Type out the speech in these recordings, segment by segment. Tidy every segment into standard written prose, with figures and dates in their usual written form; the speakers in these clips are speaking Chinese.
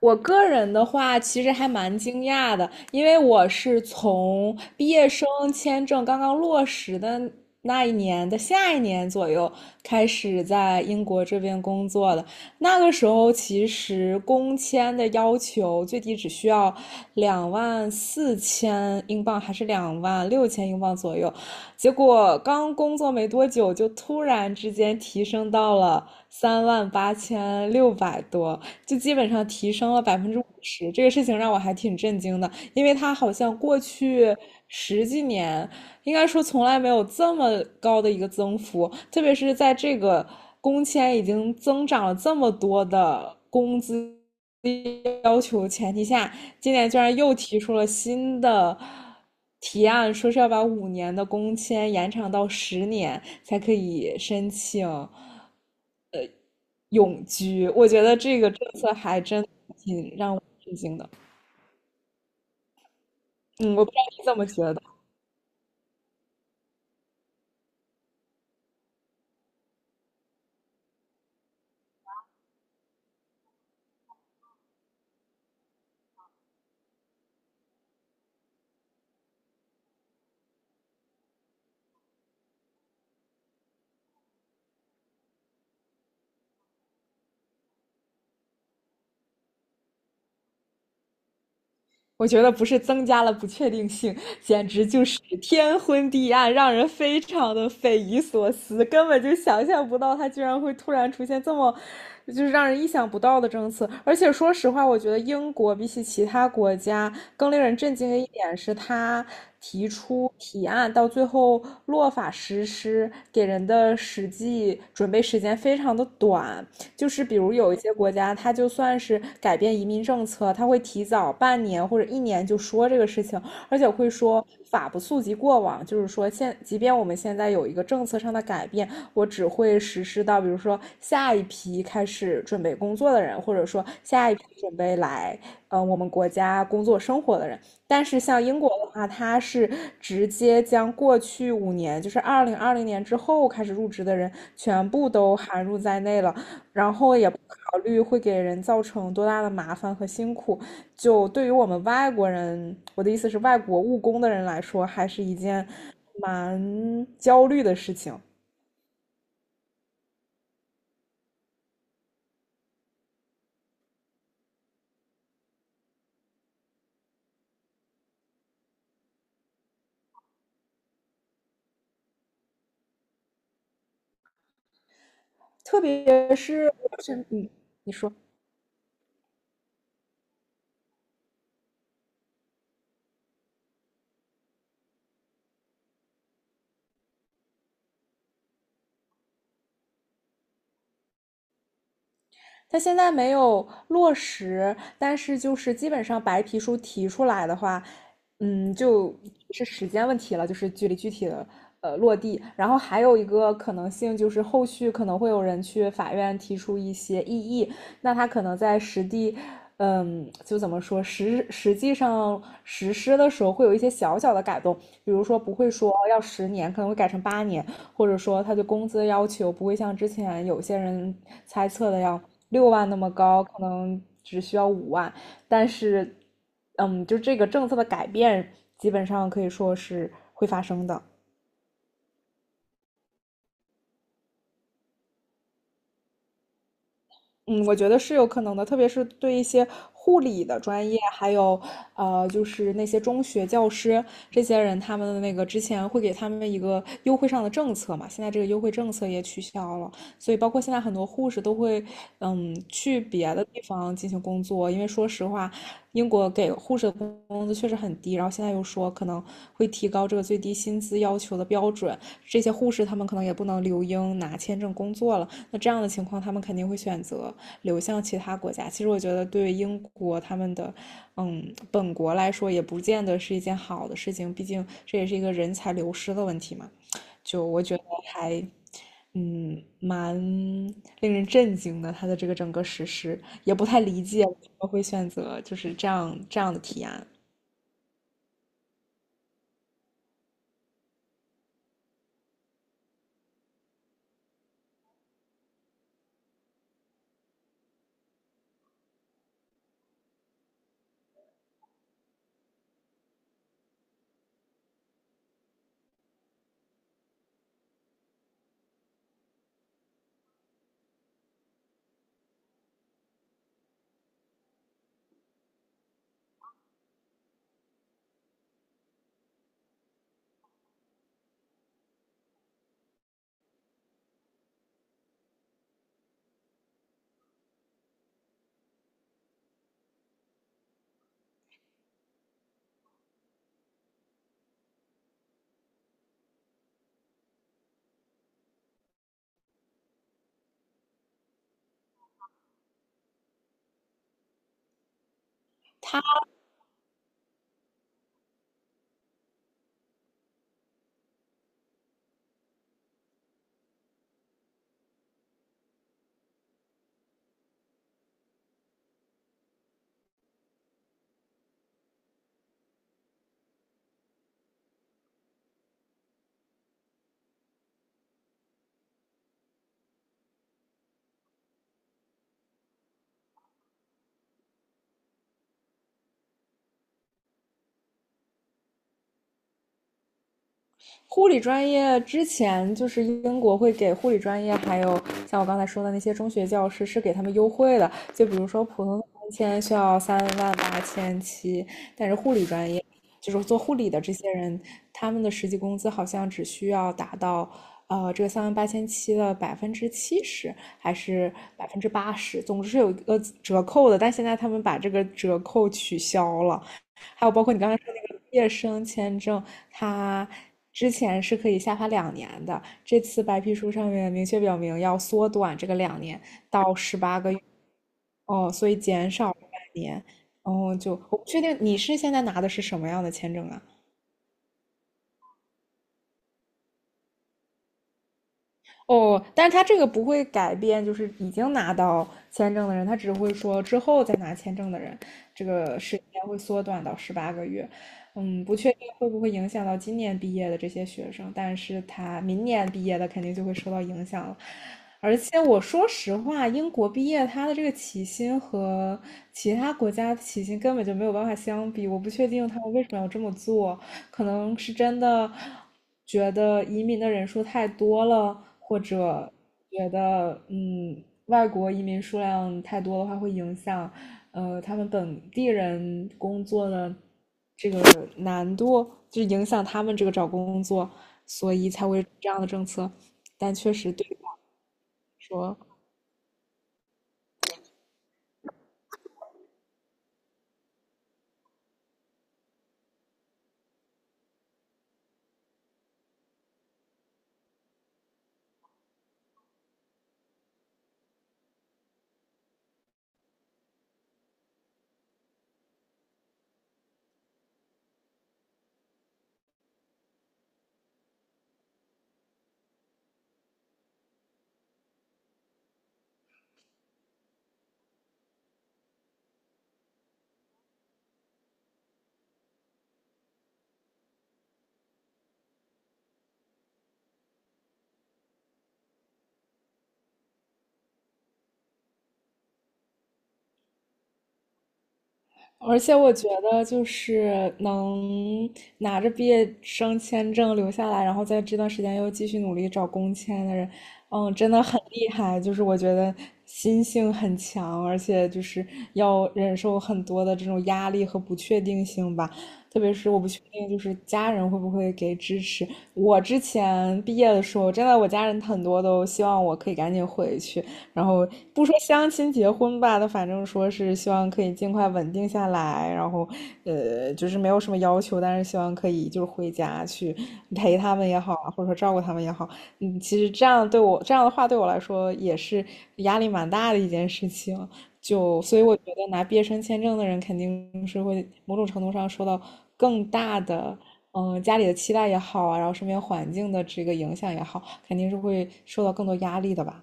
我个人的话，其实还蛮惊讶的，因为我是从毕业生签证刚刚落实的那一年的下一年左右开始在英国这边工作的。那个时候，其实工签的要求最低只需要24,000英镑，还是26,000英镑左右。结果刚工作没多久，就突然之间提升到了38,600多。就基本上提升了50%，这个事情让我还挺震惊的，因为他好像过去十几年，应该说从来没有这么高的一个增幅，特别是在这个工签已经增长了这么多的工资要求前提下，今年居然又提出了新的提案，说是要把五年的工签延长到十年才可以申请。永居，我觉得这个政策还真挺让我吃惊的。嗯，我不知道你怎么觉得。我觉得不是增加了不确定性，简直就是天昏地暗，让人非常的匪夷所思，根本就想象不到它居然会突然出现这么，就是让人意想不到的政策。而且说实话，我觉得英国比起其他国家更令人震惊的一点是，它提出提案到最后落法实施，给人的实际准备时间非常的短，就是比如有一些国家，它就算是改变移民政策，它会提早半年或者一年就说这个事情，而且会说法不溯及过往，就是说现即便我们现在有一个政策上的改变，我只会实施到比如说下一批开始准备工作的人，或者说下一批准备来我们国家工作生活的人。但是像英国的话，它是直接将过去5年，就是2020年之后开始入职的人，全部都含入在内了。然后也不考虑会给人造成多大的麻烦和辛苦。就对于我们外国人，我的意思是外国务工的人来说，还是一件蛮焦虑的事情。特别是嗯，你说，它现在没有落实，但是就是基本上白皮书提出来的话，嗯，就是时间问题了，就是距离具体的落地。然后还有一个可能性就是后续可能会有人去法院提出一些异议，那他可能在实地。嗯，就怎么说，实际上实施的时候会有一些小小的改动，比如说不会说要十年，可能会改成8年，或者说他对工资的要求不会像之前有些人猜测的要60,000那么高，可能只需要50,000。但是，嗯，就这个政策的改变，基本上可以说是会发生的。嗯，我觉得是有可能的，特别是对一些护理的专业，还有就是那些中学教师这些人，他们的那个之前会给他们一个优惠上的政策嘛，现在这个优惠政策也取消了，所以包括现在很多护士都会去别的地方进行工作，因为说实话，英国给护士的工资确实很低，然后现在又说可能会提高这个最低薪资要求的标准，这些护士他们可能也不能留英拿签证工作了，那这样的情况他们肯定会选择。流向其他国家。其实我觉得，对英国他们的，嗯，本国来说，也不见得是一件好的事情。毕竟这也是一个人才流失的问题嘛。就我觉得还，嗯，蛮令人震惊的。他的这个整个实施也不太理解为什么会选择就是这样的提案。护理专业之前就是英国会给护理专业，还有像我刚才说的那些中学教师是给他们优惠的，就比如说普通的三千需要三万八千七，但是护理专业就是做护理的这些人，他们的实际工资好像只需要达到。这个三万八千七的70%还是80%，总之是有一个折扣的，但现在他们把这个折扣取消了，还有包括你刚才说那个毕业生签证，它之前是可以下发两年的，这次白皮书上面明确表明要缩短这个两年到十八个月，哦，所以减少半年，哦，就我不确定你是现在拿的是什么样的签证啊？哦，但是他这个不会改变，就是已经拿到签证的人，他只会说之后再拿签证的人，这个时间会缩短到十八个月。嗯，不确定会不会影响到今年毕业的这些学生，但是他明年毕业的肯定就会受到影响了。而且我说实话，英国毕业他的这个起薪和其他国家的起薪根本就没有办法相比，我不确定他们为什么要这么做。可能是真的觉得移民的人数太多了，或者觉得外国移民数量太多的话，会影响他们本地人工作的这个难度，就影响他们这个找工作，所以才会这样的政策。但确实对我说，而且我觉得，就是能拿着毕业生签证留下来，然后在这段时间又继续努力找工签的人，嗯，真的很厉害。就是我觉得心性很强，而且就是要忍受很多的这种压力和不确定性吧。特别是我不确定，就是家人会不会给支持。我之前毕业的时候，真的我家人很多都希望我可以赶紧回去，然后不说相亲结婚吧，那反正说是希望可以尽快稳定下来，然后就是没有什么要求，但是希望可以就是回家去陪他们也好，或者说照顾他们也好，嗯，其实这样对我这样的话对我来说也是压力蛮大的一件事情。就所以我觉得拿毕业生签证的人肯定是会某种程度上受到更大的，嗯，家里的期待也好啊，然后身边环境的这个影响也好，肯定是会受到更多压力的吧。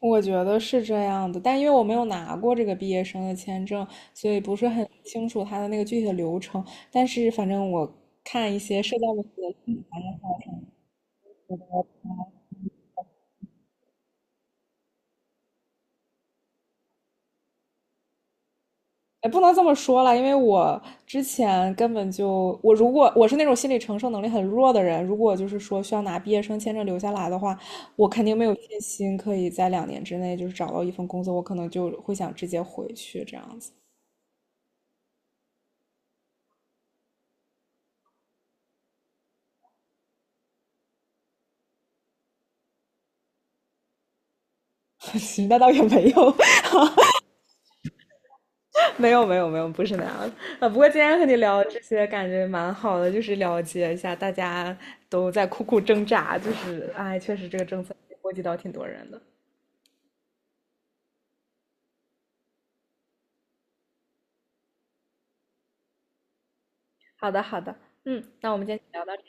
我觉得是这样的，但因为我没有拿过这个毕业生的签证，所以不是很清楚他的那个具体的流程。但是反正我看一些社交媒体，哎，不能这么说了，因为我之前根本就，我如果我是那种心理承受能力很弱的人，如果就是说需要拿毕业生签证留下来的话，我肯定没有信心可以在两年之内就是找到一份工作，我可能就会想直接回去这样子。那倒也没有，没有没有没有，不是那样的。不过今天和你聊这些，感觉蛮好的，就是了解一下大家都在苦苦挣扎，就是哎，确实这个政策波及到挺多人的。好的好的，嗯，那我们今天聊到这。